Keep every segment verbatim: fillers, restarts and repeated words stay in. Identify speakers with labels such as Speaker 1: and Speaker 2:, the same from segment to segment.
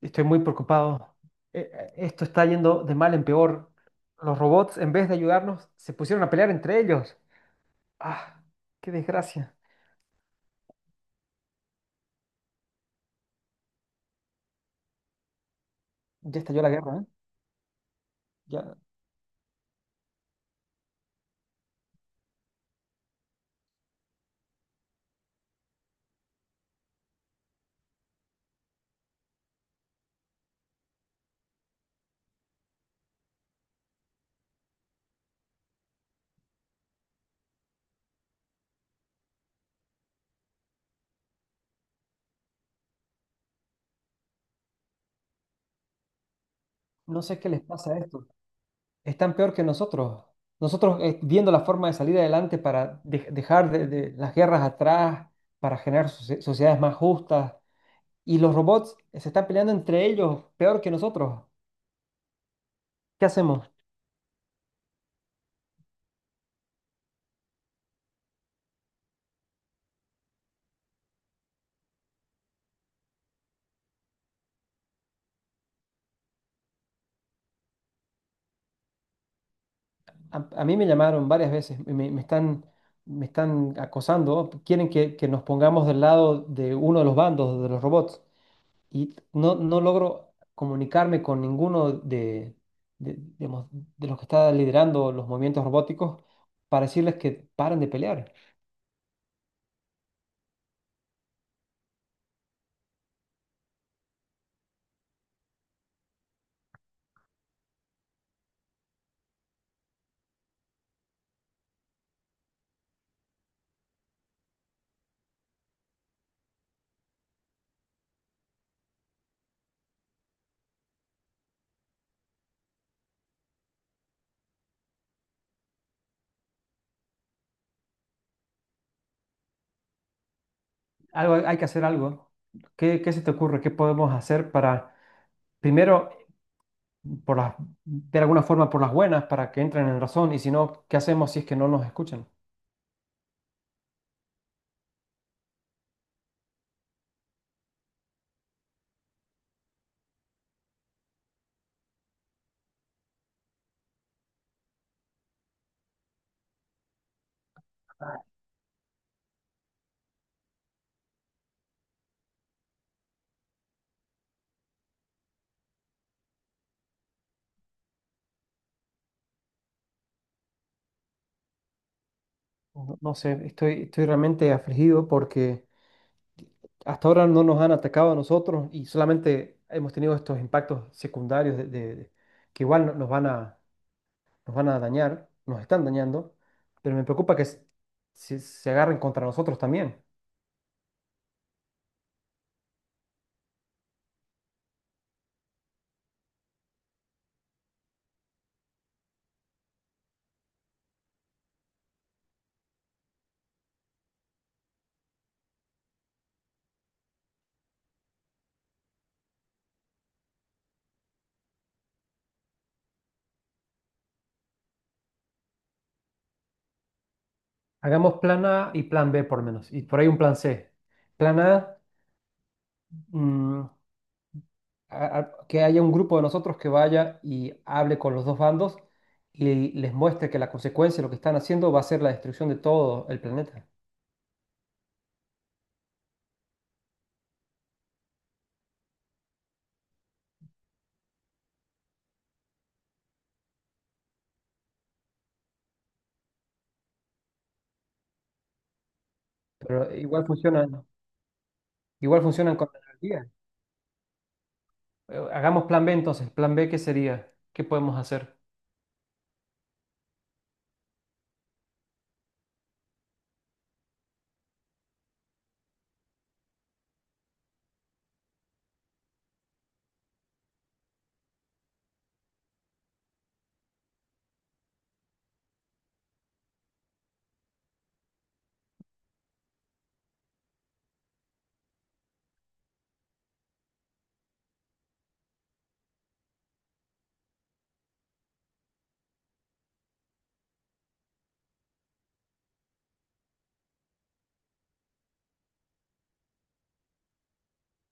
Speaker 1: Estoy muy preocupado. Eh, eh, Esto está yendo de mal en peor. Los robots, en vez de ayudarnos, se pusieron a pelear entre ellos. ¡Ah! ¡Qué desgracia! Ya estalló la guerra, ¿eh? Ya no sé qué les pasa a esto. Están peor que nosotros. Nosotros eh, viendo la forma de salir adelante para de- dejar de, de las guerras atrás, para generar socie- sociedades más justas. Y los robots se están peleando entre ellos, peor que nosotros. ¿Qué hacemos? A, a mí me llamaron varias veces, me, me están, me están acosando, quieren que, que nos pongamos del lado de uno de los bandos, de los robots, y no, no logro comunicarme con ninguno de, de, digamos, de los que está liderando los movimientos robóticos para decirles que paren de pelear. Algo, hay hay que hacer algo. ¿Qué, qué se te ocurre? ¿Qué podemos hacer para, primero, por las, de alguna forma por las buenas, para que entren en razón, y si no, ¿qué hacemos si es que no nos escuchan? No no sé, estoy, estoy realmente afligido porque hasta ahora no nos han atacado a nosotros y solamente hemos tenido estos impactos secundarios de, de- de- que igual no- nos van a, nos van a dañar, nos están dañando, pero me preocupa que s- se, se agarren contra nosotros también. Hagamos plan A y plan B por lo menos, y por ahí un plan C. Plan A, mm, a- a- que haya un grupo de nosotros que vaya y hable con los dos bandos y les muestre que la consecuencia de lo que están haciendo va a ser la destrucción de todo el planeta. Pero igual funcionan, igual funcionan con la energía. Eh, Hagamos plan B entonces. Plan B, ¿qué sería? ¿Qué podemos hacer?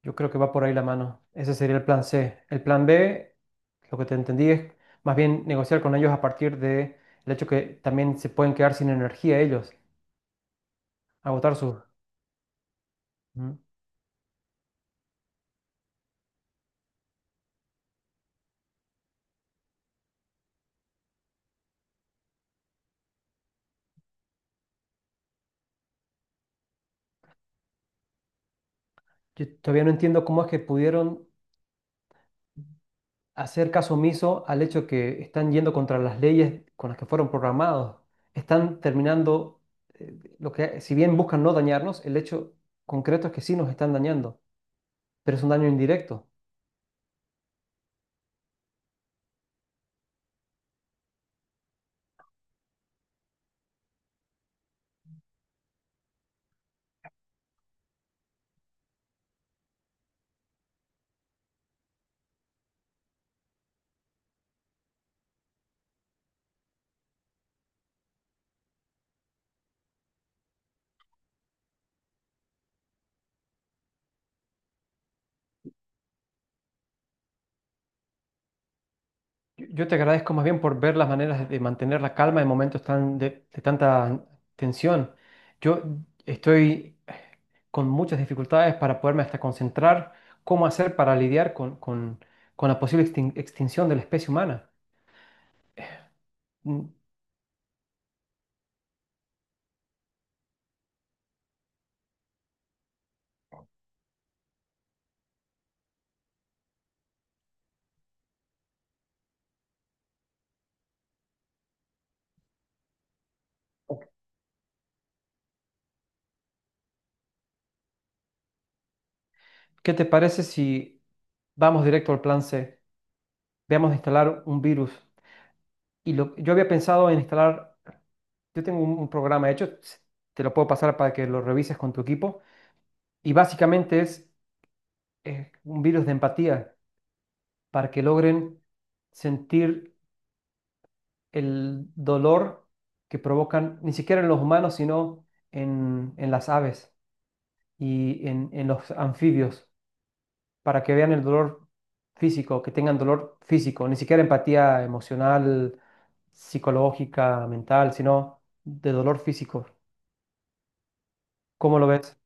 Speaker 1: Yo creo que va por ahí la mano. Ese sería el plan C. El plan B, lo que te entendí es más bien negociar con ellos a partir de el hecho que también se pueden quedar sin energía ellos, agotar sus. Ujú. Yo todavía no entiendo cómo es que pudieron hacer caso omiso al hecho que están yendo contra las leyes con las que fueron programados. Están terminando, eh, lo que, si bien buscan no dañarnos, el hecho concreto es que sí nos están dañando, pero es un daño indirecto. Yo yo te agradezco más bien por ver las maneras de mantener la calma en momentos tan de, de tanta tensión. Yo estoy con muchas dificultades para poderme hasta concentrar cómo hacer para lidiar con, con- con la posible extin- extinción de la especie humana. Mm, ¿Qué te parece si vamos directo al plan C? Veamos de instalar un virus. Y lo, yo había pensado en instalar, yo tengo un, un programa hecho, te lo puedo pasar para que lo revises con tu equipo. Y básicamente es, eh, un virus de empatía para que logren sentir el dolor que provocan, ni siquiera en los humanos, sino en, en las aves y en, en los anfibios, para que vean el dolor físico, que tengan dolor físico, ni siquiera empatía emocional, psicológica, mental, sino de dolor físico. ¿Cómo lo ves?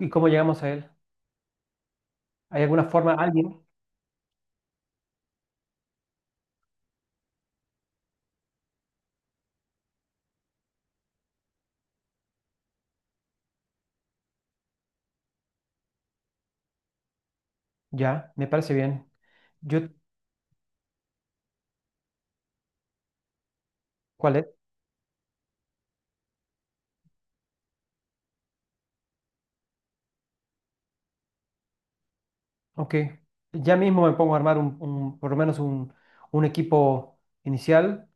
Speaker 1: ¿Y cómo llegamos a él? ¿Hay alguna forma, alguien? Ya, me parece bien. Yo, ¿cuál es? Ok. Ya mismo me pongo a armar un, un- por lo menos un, un equipo inicial,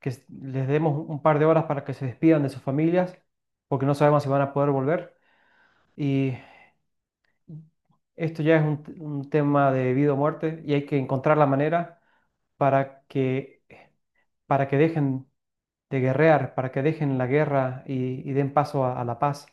Speaker 1: que s- les demos un par de horas para que se despidan de sus familias, porque no sabemos si van a poder volver. Y esto ya es un, un tema de vida o muerte y hay que encontrar la manera para que, para que dejen de guerrear, para que dejen la guerra y, y den paso a, a la paz.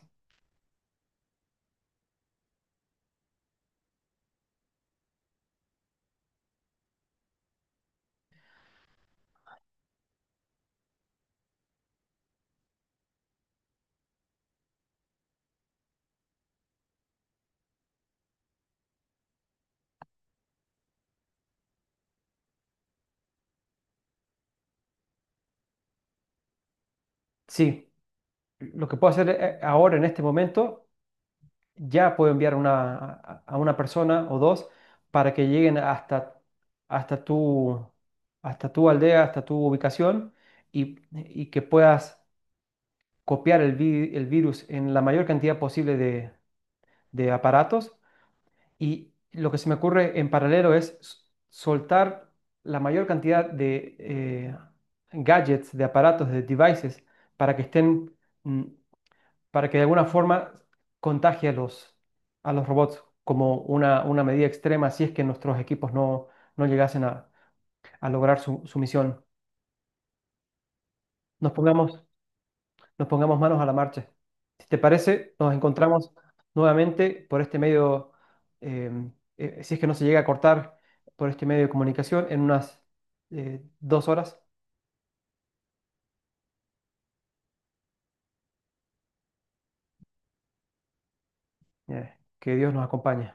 Speaker 1: Sí, lo que puedo hacer eh, ahora en este momento, ya puedo enviar una, a a una persona o dos para que lleguen hasta, hasta tu, hasta tu aldea, hasta tu ubicación y, y que puedas copiar el, vi- el virus en la mayor cantidad posible de de aparatos. Y lo que se me ocurre en paralelo es s- soltar la mayor cantidad de eh, gadgets, de aparatos, de devices, para que estén, mm, para que de alguna forma contagie a los, a los robots como una, una medida extrema si es que nuestros equipos no, no llegasen a, a lograr su, su misión. Nos pongamos nos pongamos manos a la marcha. Si te parece, nos encontramos nuevamente por este medio, eh, eh, si es que no se llega a cortar por este medio de comunicación, en unas eh, dos horas. Eh, que Dios nos acompañe.